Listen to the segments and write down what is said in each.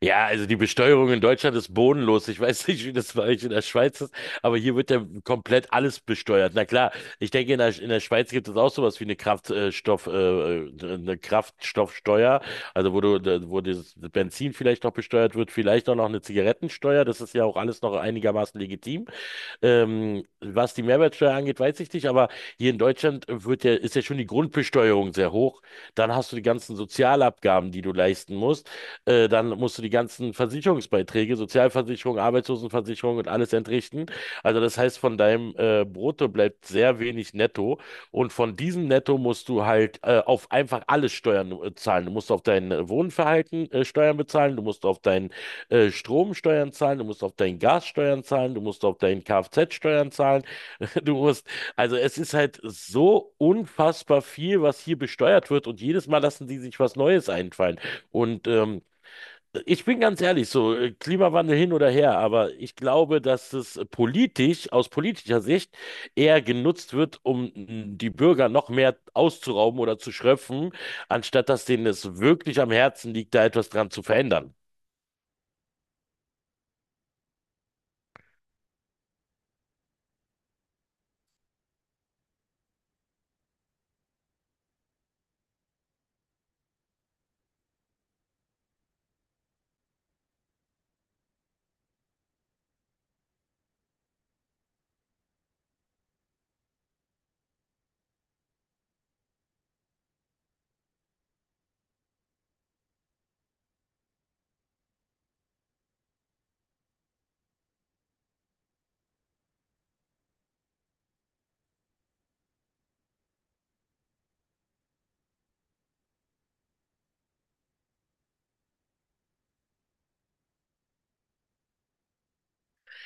Ja, also die Besteuerung in Deutschland ist bodenlos. Ich weiß nicht, wie das bei euch in der Schweiz ist, aber hier wird ja komplett alles besteuert. Na klar, ich denke, in der Schweiz gibt es auch sowas wie eine Kraftstoff, eine Kraftstoffsteuer, also wo du, wo das Benzin vielleicht noch besteuert wird, vielleicht auch noch eine Zigarettensteuer. Das ist ja auch alles noch einigermaßen legitim. Was die Mehrwertsteuer angeht, weiß ich nicht, aber hier in Deutschland ist ja schon die Grundbesteuerung sehr hoch. Dann hast du die ganzen Sozialabgaben, die du leisten musst. Dann musst du die ganzen Versicherungsbeiträge, Sozialversicherung, Arbeitslosenversicherung und alles entrichten. Also das heißt, von deinem Brutto bleibt sehr wenig netto. Und von diesem Netto musst du halt auf einfach alles Steuern zahlen. Du musst auf dein Wohnverhalten Steuern bezahlen, du musst auf deinen Strom Steuern zahlen, du musst auf dein Gas Steuern zahlen, du musst auf deinen Kfz Steuern zahlen, du musst, es ist halt so unfassbar viel, was hier besteuert wird, und jedes Mal lassen die sich was Neues einfallen. Und ich bin ganz ehrlich, so Klimawandel hin oder her, aber ich glaube, dass es politisch, aus politischer Sicht, eher genutzt wird, um die Bürger noch mehr auszurauben oder zu schröpfen, anstatt dass denen es wirklich am Herzen liegt, da etwas dran zu verändern.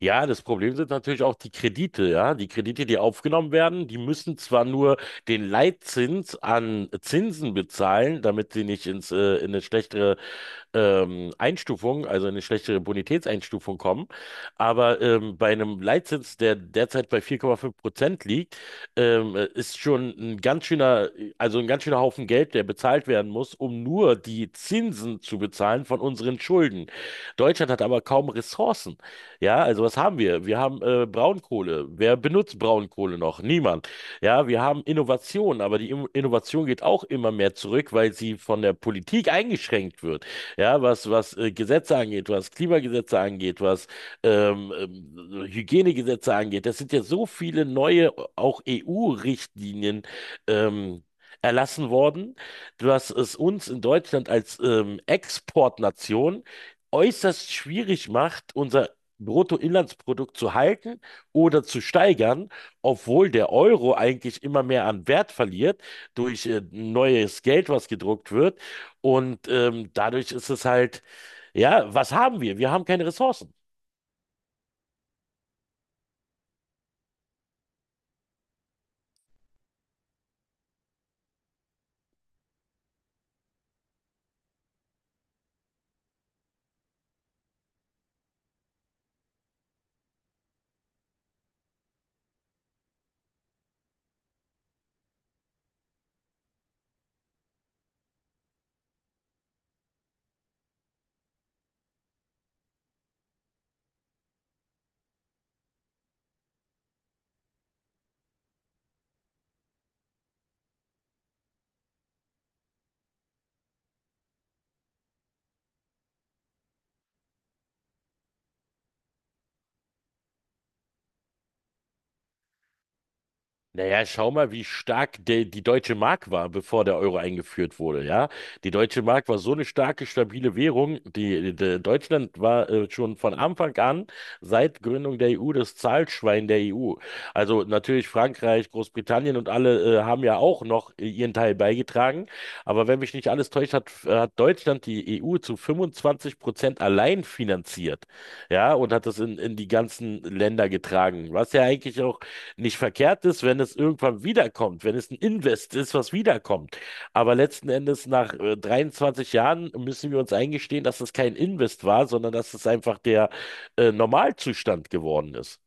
Ja, das Problem sind natürlich auch die Kredite, ja. Die Kredite, die aufgenommen werden, die müssen zwar nur den Leitzins an Zinsen bezahlen, damit sie nicht in eine schlechtere Einstufung, also eine schlechtere Bonitätseinstufung kommen. Aber bei einem Leitzins, der derzeit bei vier Komma fünf Prozent liegt, ist schon ein ganz schöner, also ein ganz schöner Haufen Geld, der bezahlt werden muss, um nur die Zinsen zu bezahlen von unseren Schulden. Deutschland hat aber kaum Ressourcen. Ja, also was haben wir? Wir haben Braunkohle. Wer benutzt Braunkohle noch? Niemand. Ja, wir haben Innovation, aber die Innovation geht auch immer mehr zurück, weil sie von der Politik eingeschränkt wird, ja, was Gesetze angeht, was Klimagesetze angeht, was Hygienegesetze angeht. Das sind ja so viele neue, auch EU-Richtlinien ähm, erlassen worden, dass es uns in Deutschland als Exportnation äußerst schwierig macht, unser Bruttoinlandsprodukt zu halten oder zu steigern, obwohl der Euro eigentlich immer mehr an Wert verliert durch neues Geld, was gedruckt wird, und dadurch ist es halt, ja, was haben wir? Wir haben keine Ressourcen. Naja, schau mal, wie stark die deutsche Mark war, bevor der Euro eingeführt wurde, ja. Die deutsche Mark war so eine starke, stabile Währung. Deutschland war schon von Anfang an, seit Gründung der EU, das Zahlschwein der EU. Also natürlich Frankreich, Großbritannien und alle haben ja auch noch ihren Teil beigetragen. Aber wenn mich nicht alles täuscht, hat Deutschland die EU zu 25% allein finanziert, ja, und hat das in die ganzen Länder getragen. Was ja eigentlich auch nicht verkehrt ist, wenn es irgendwann wiederkommt, wenn es ein Invest ist, was wiederkommt. Aber letzten Endes, nach 23 Jahren, müssen wir uns eingestehen, dass es kein Invest war, sondern dass es einfach der Normalzustand geworden ist.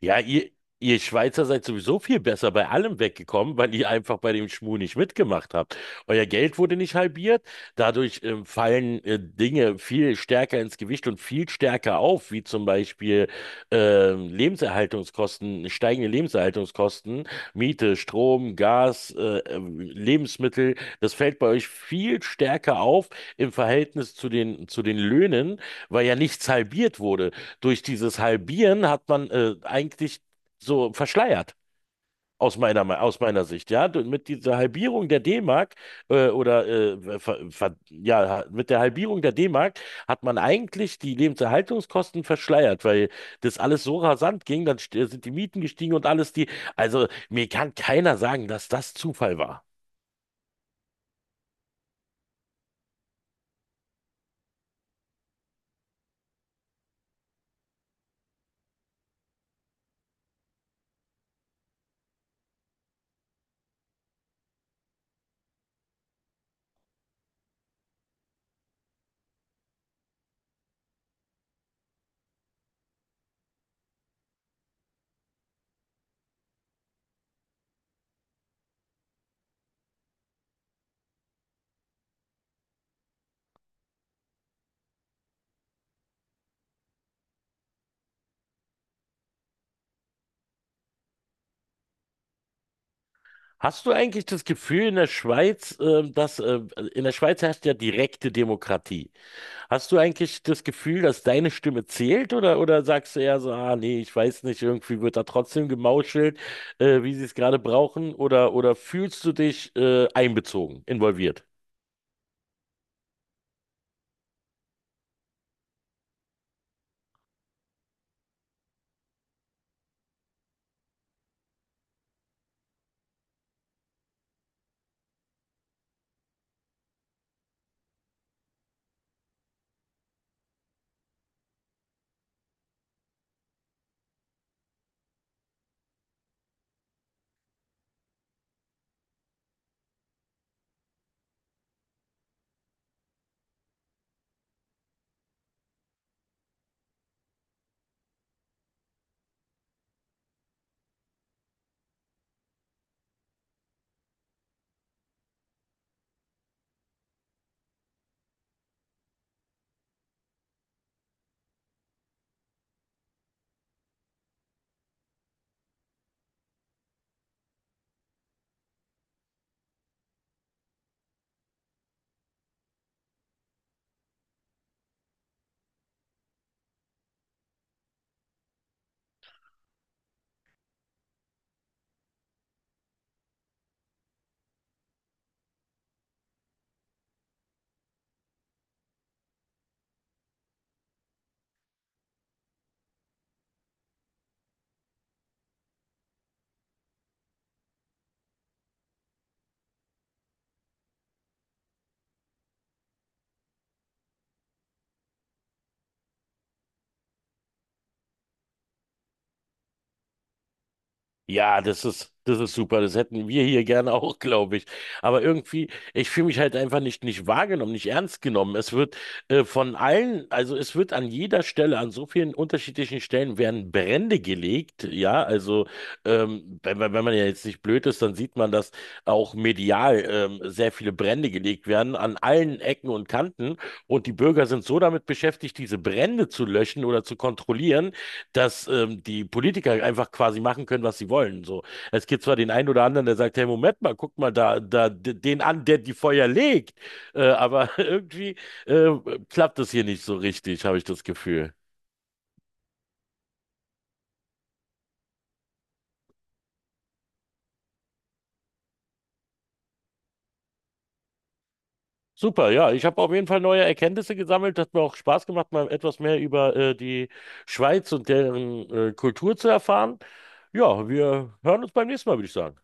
Ja, ihr, Ihr Schweizer seid sowieso viel besser bei allem weggekommen, weil ihr einfach bei dem Schmuh nicht mitgemacht habt. Euer Geld wurde nicht halbiert, dadurch fallen Dinge viel stärker ins Gewicht und viel stärker auf, wie zum Beispiel Lebenserhaltungskosten, steigende Lebenserhaltungskosten, Miete, Strom, Gas, Lebensmittel. Das fällt bei euch viel stärker auf im Verhältnis zu den Löhnen, weil ja nichts halbiert wurde. Durch dieses Halbieren hat man eigentlich so verschleiert. Aus meiner Sicht, ja. Mit dieser Halbierung der D-Mark oder ver, ver, ja, ha- mit der Halbierung der D-Mark hat man eigentlich die Lebenserhaltungskosten verschleiert, weil das alles so rasant ging, dann sind die Mieten gestiegen und alles die. Also mir kann keiner sagen, dass das Zufall war. Hast du eigentlich das Gefühl in der Schweiz, dass in der Schweiz herrscht ja direkte Demokratie? Hast du eigentlich das Gefühl, dass deine Stimme zählt, oder sagst du eher so, ah nee, ich weiß nicht, irgendwie wird da trotzdem gemauschelt, wie sie es gerade brauchen, oder fühlst du dich einbezogen, involviert? Ja, das ist super. Das hätten wir hier gerne auch, glaube ich. Aber irgendwie, ich fühle mich halt einfach nicht wahrgenommen, nicht ernst genommen. Es wird also es wird an jeder Stelle, an so vielen unterschiedlichen Stellen werden Brände gelegt. Ja, also wenn man ja jetzt nicht blöd ist, dann sieht man, dass auch medial sehr viele Brände gelegt werden an allen Ecken und Kanten. Und die Bürger sind so damit beschäftigt, diese Brände zu löschen oder zu kontrollieren, dass die Politiker einfach quasi machen können, was sie wollen. So, es gibt zwar den einen oder anderen, der sagt, hey, Moment mal, guck mal da, den an, der die Feuer legt, aber irgendwie äh, klappt das hier nicht so richtig, habe ich das Gefühl. Super, ja, ich habe auf jeden Fall neue Erkenntnisse gesammelt. Hat mir auch Spaß gemacht, mal etwas mehr über die Schweiz und deren Kultur zu erfahren. Ja, wir hören uns beim nächsten Mal, würde ich sagen.